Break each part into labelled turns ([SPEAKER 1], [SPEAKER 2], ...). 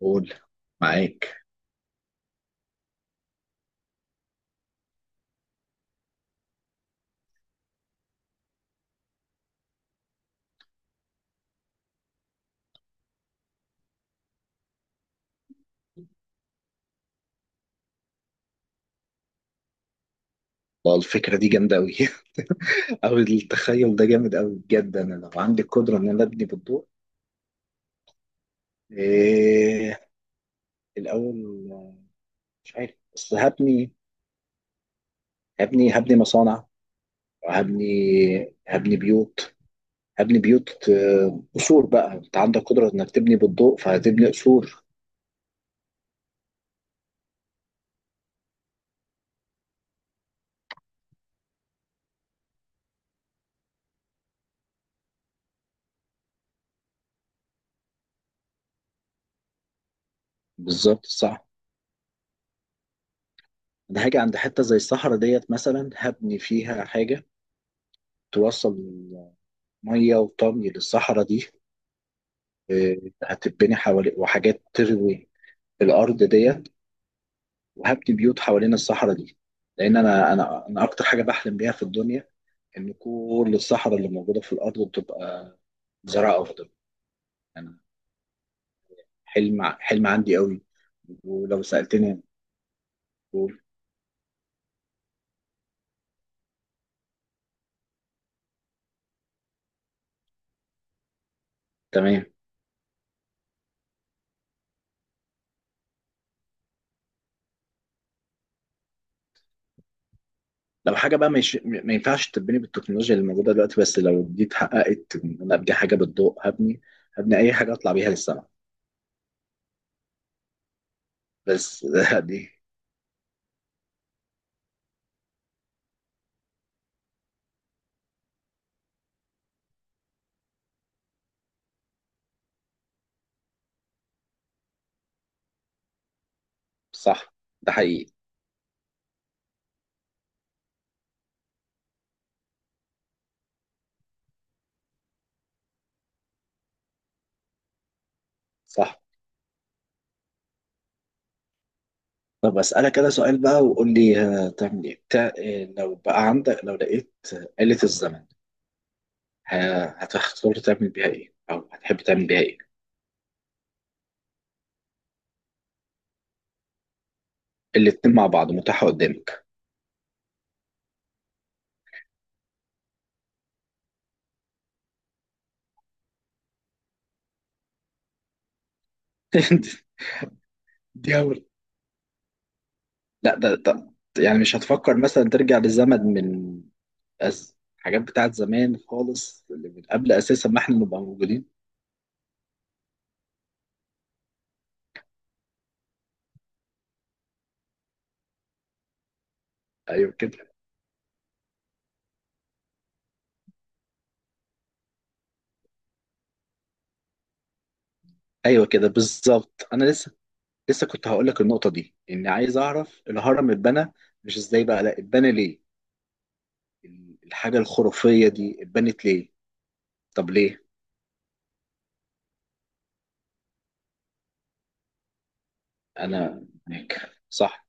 [SPEAKER 1] قول. معاك. اه، الفكرة دي جامدة أوي. أو التخيل ده جامد أوي بجد. أنا لو عندي القدرة إن أنا أبني بالضوء إيه الأول؟ مش عارف، بس هبني مصانع. هبني هبني بيوت. هبني بيوت آه، قصور. بقى أنت عندك قدرة إنك تبني بالضوء فهتبني قصور. بالظبط صح. أنا هاجي عند حتة زي الصحراء ديت مثلا هبني فيها حاجة توصل مية وطمي للصحراء دي. هتتبني حوالي وحاجات تروي الارض ديت. وهبني بيوت حوالين الصحراء دي. لان انا اكتر حاجه بحلم بيها في الدنيا ان كل الصحراء اللي موجوده في الارض تبقى زراعه افضل. انا حلم حلم عندي قوي. ولو سالتني قول. تمام. لو حاجه بقى مش، ما ينفعش تتبني بالتكنولوجيا اللي موجوده دلوقتي، بس لو دي اتحققت إن انا ابني حاجه بالضوء هبني. هبني اي حاجه اطلع بيها للسما. بس دي. صح. ده حقيقي. صح. طب أسألك أنا سؤال بقى وقول لي، تعمل إيه؟ لو بقى عندك، لو لقيت آلة الزمن، هتختار تعمل بيها إيه؟ أو هتحب تعمل بيها إيه؟ الاتنين مع بعض متاحة قدامك. دي أول. لا، ده، يعني مش هتفكر مثلا ترجع للزمن من حاجات بتاعت زمان خالص، اللي من قبل أساسا ما إحنا نبقى موجودين؟ أيوه كده. أيوه كده بالظبط. أنا لسه كنت هقول لك النقطة دي، إني عايز أعرف الهرم اتبنى مش إزاي بقى، لا اتبنى ليه؟ الحاجة الخرافية دي اتبنت ليه؟ طب ليه؟ أنا هناك صح.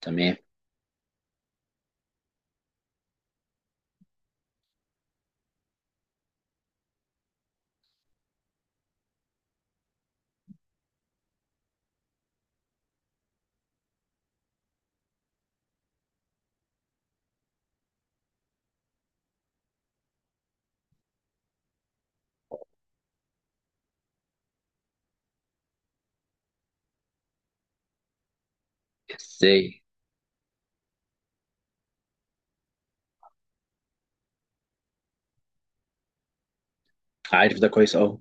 [SPEAKER 1] تمام. إزاي؟ عارف ده كويس أوي.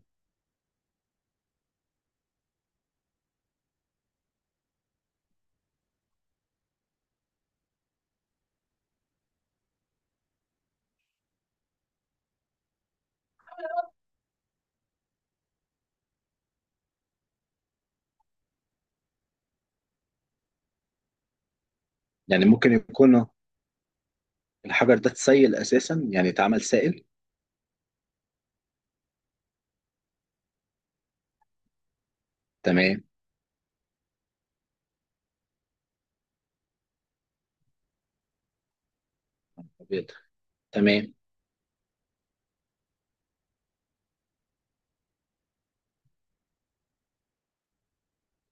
[SPEAKER 1] يعني ممكن يكون الحجر ده اتسيل أساسا، يعني اتعمل سائل. تمام. أبيض. تمام.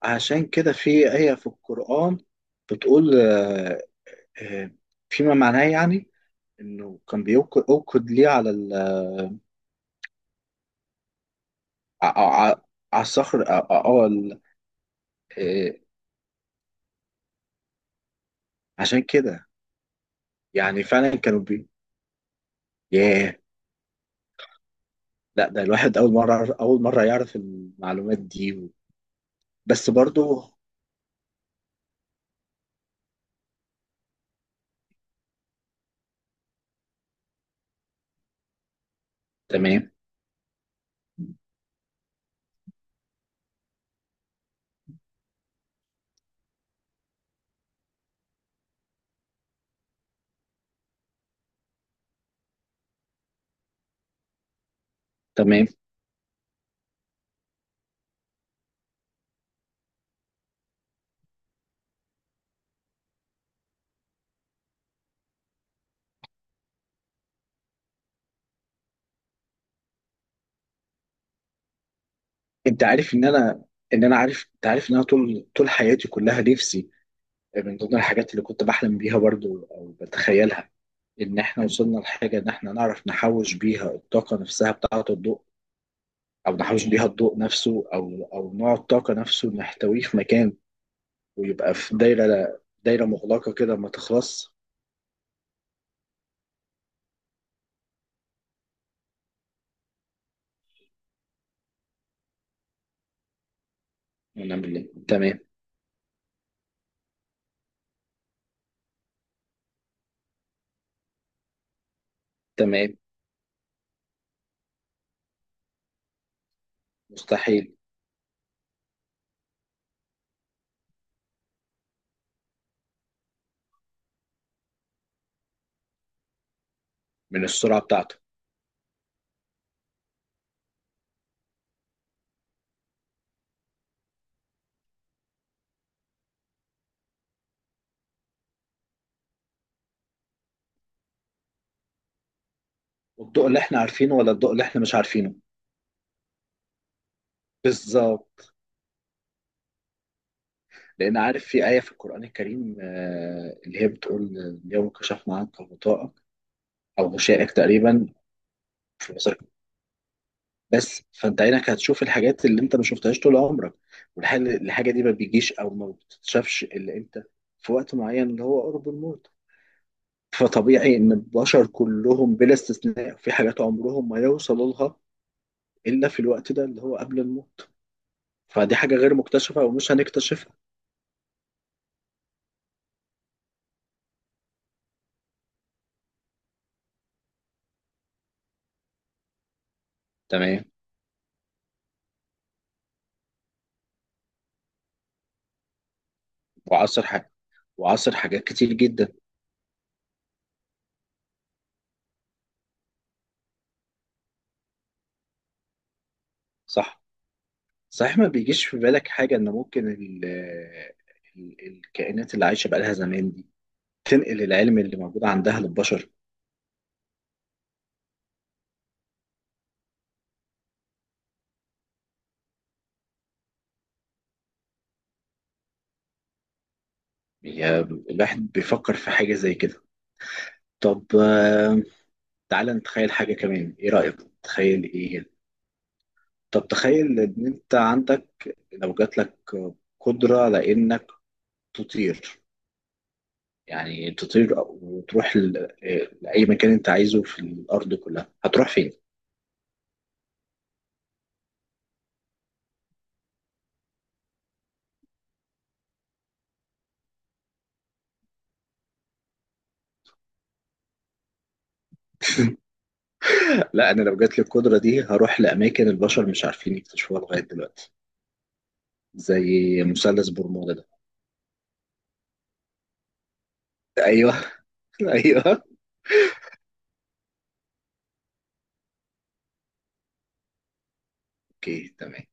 [SPEAKER 1] عشان كده في آية في القرآن بتقول، آه، فيما معناه يعني إنه كان بيوقد، أوقد ليه على ال، ع- ع- على الصخر، اه، آه، عشان كده يعني فعلا كانوا بي. ياه. لا ده الواحد أول مرة، أول مرة يعرف المعلومات دي. بس برضو. تمام. تمام. أنت عارف إن أنا، عارف. أنت عارف إن أنا طول طول حياتي كلها نفسي، من ضمن الحاجات اللي كنت بحلم بيها برضو أو بتخيلها، إن إحنا وصلنا لحاجة إن إحنا نعرف نحوش بيها الطاقة نفسها بتاعة الضوء، أو نحوش بيها الضوء نفسه، أو نوع الطاقة نفسه نحتويه في مكان ويبقى في دايرة دايرة مغلقة كده ما تخلص. ونعمل إيه؟ تمام. تمام. مستحيل. من السرعة بتاعته. والضوء اللي احنا عارفينه ولا الضوء اللي احنا مش عارفينه. بالظبط. لان عارف في آية في القرآن الكريم، اللي هي بتقول، اليوم كشفنا عنك غطاءك، او غشائك تقريبا، في بصرك. بس فانت عينك هتشوف الحاجات اللي انت ما شفتهاش طول عمرك. والحاجة دي ما بيجيش او ما بتتشافش الا امتى؟ في وقت معين اللي هو قرب الموت. فطبيعي ان البشر كلهم بلا استثناء في حاجات عمرهم ما يوصلوا لها الا في الوقت ده اللي هو قبل الموت. فدي حاجة غير مكتشفة ومش هنكتشفها. تمام. وعصر حاجة. وعصر حاجات كتير جدا. صح. صحيح. ما بيجيش في بالك حاجة إن ممكن الكائنات اللي عايشة بقالها زمان دي تنقل العلم اللي موجود عندها للبشر؟ هي الواحد بيفكر في حاجة زي كده. طب تعالى نتخيل حاجة كمان، إيه رأيك؟ تخيل إيه. طب تخيل إن أنت عندك، لو جات لك قدرة على إنك تطير، يعني تطير وتروح لأي مكان أنت عايزه في الأرض كلها، هتروح فين؟ لا انا لو جات لي القدره دي هروح لاماكن البشر مش عارفين يكتشفوها لغايه دلوقتي، زي مثلث برمودا ده. ايوه. ايوه. اوكي تمام.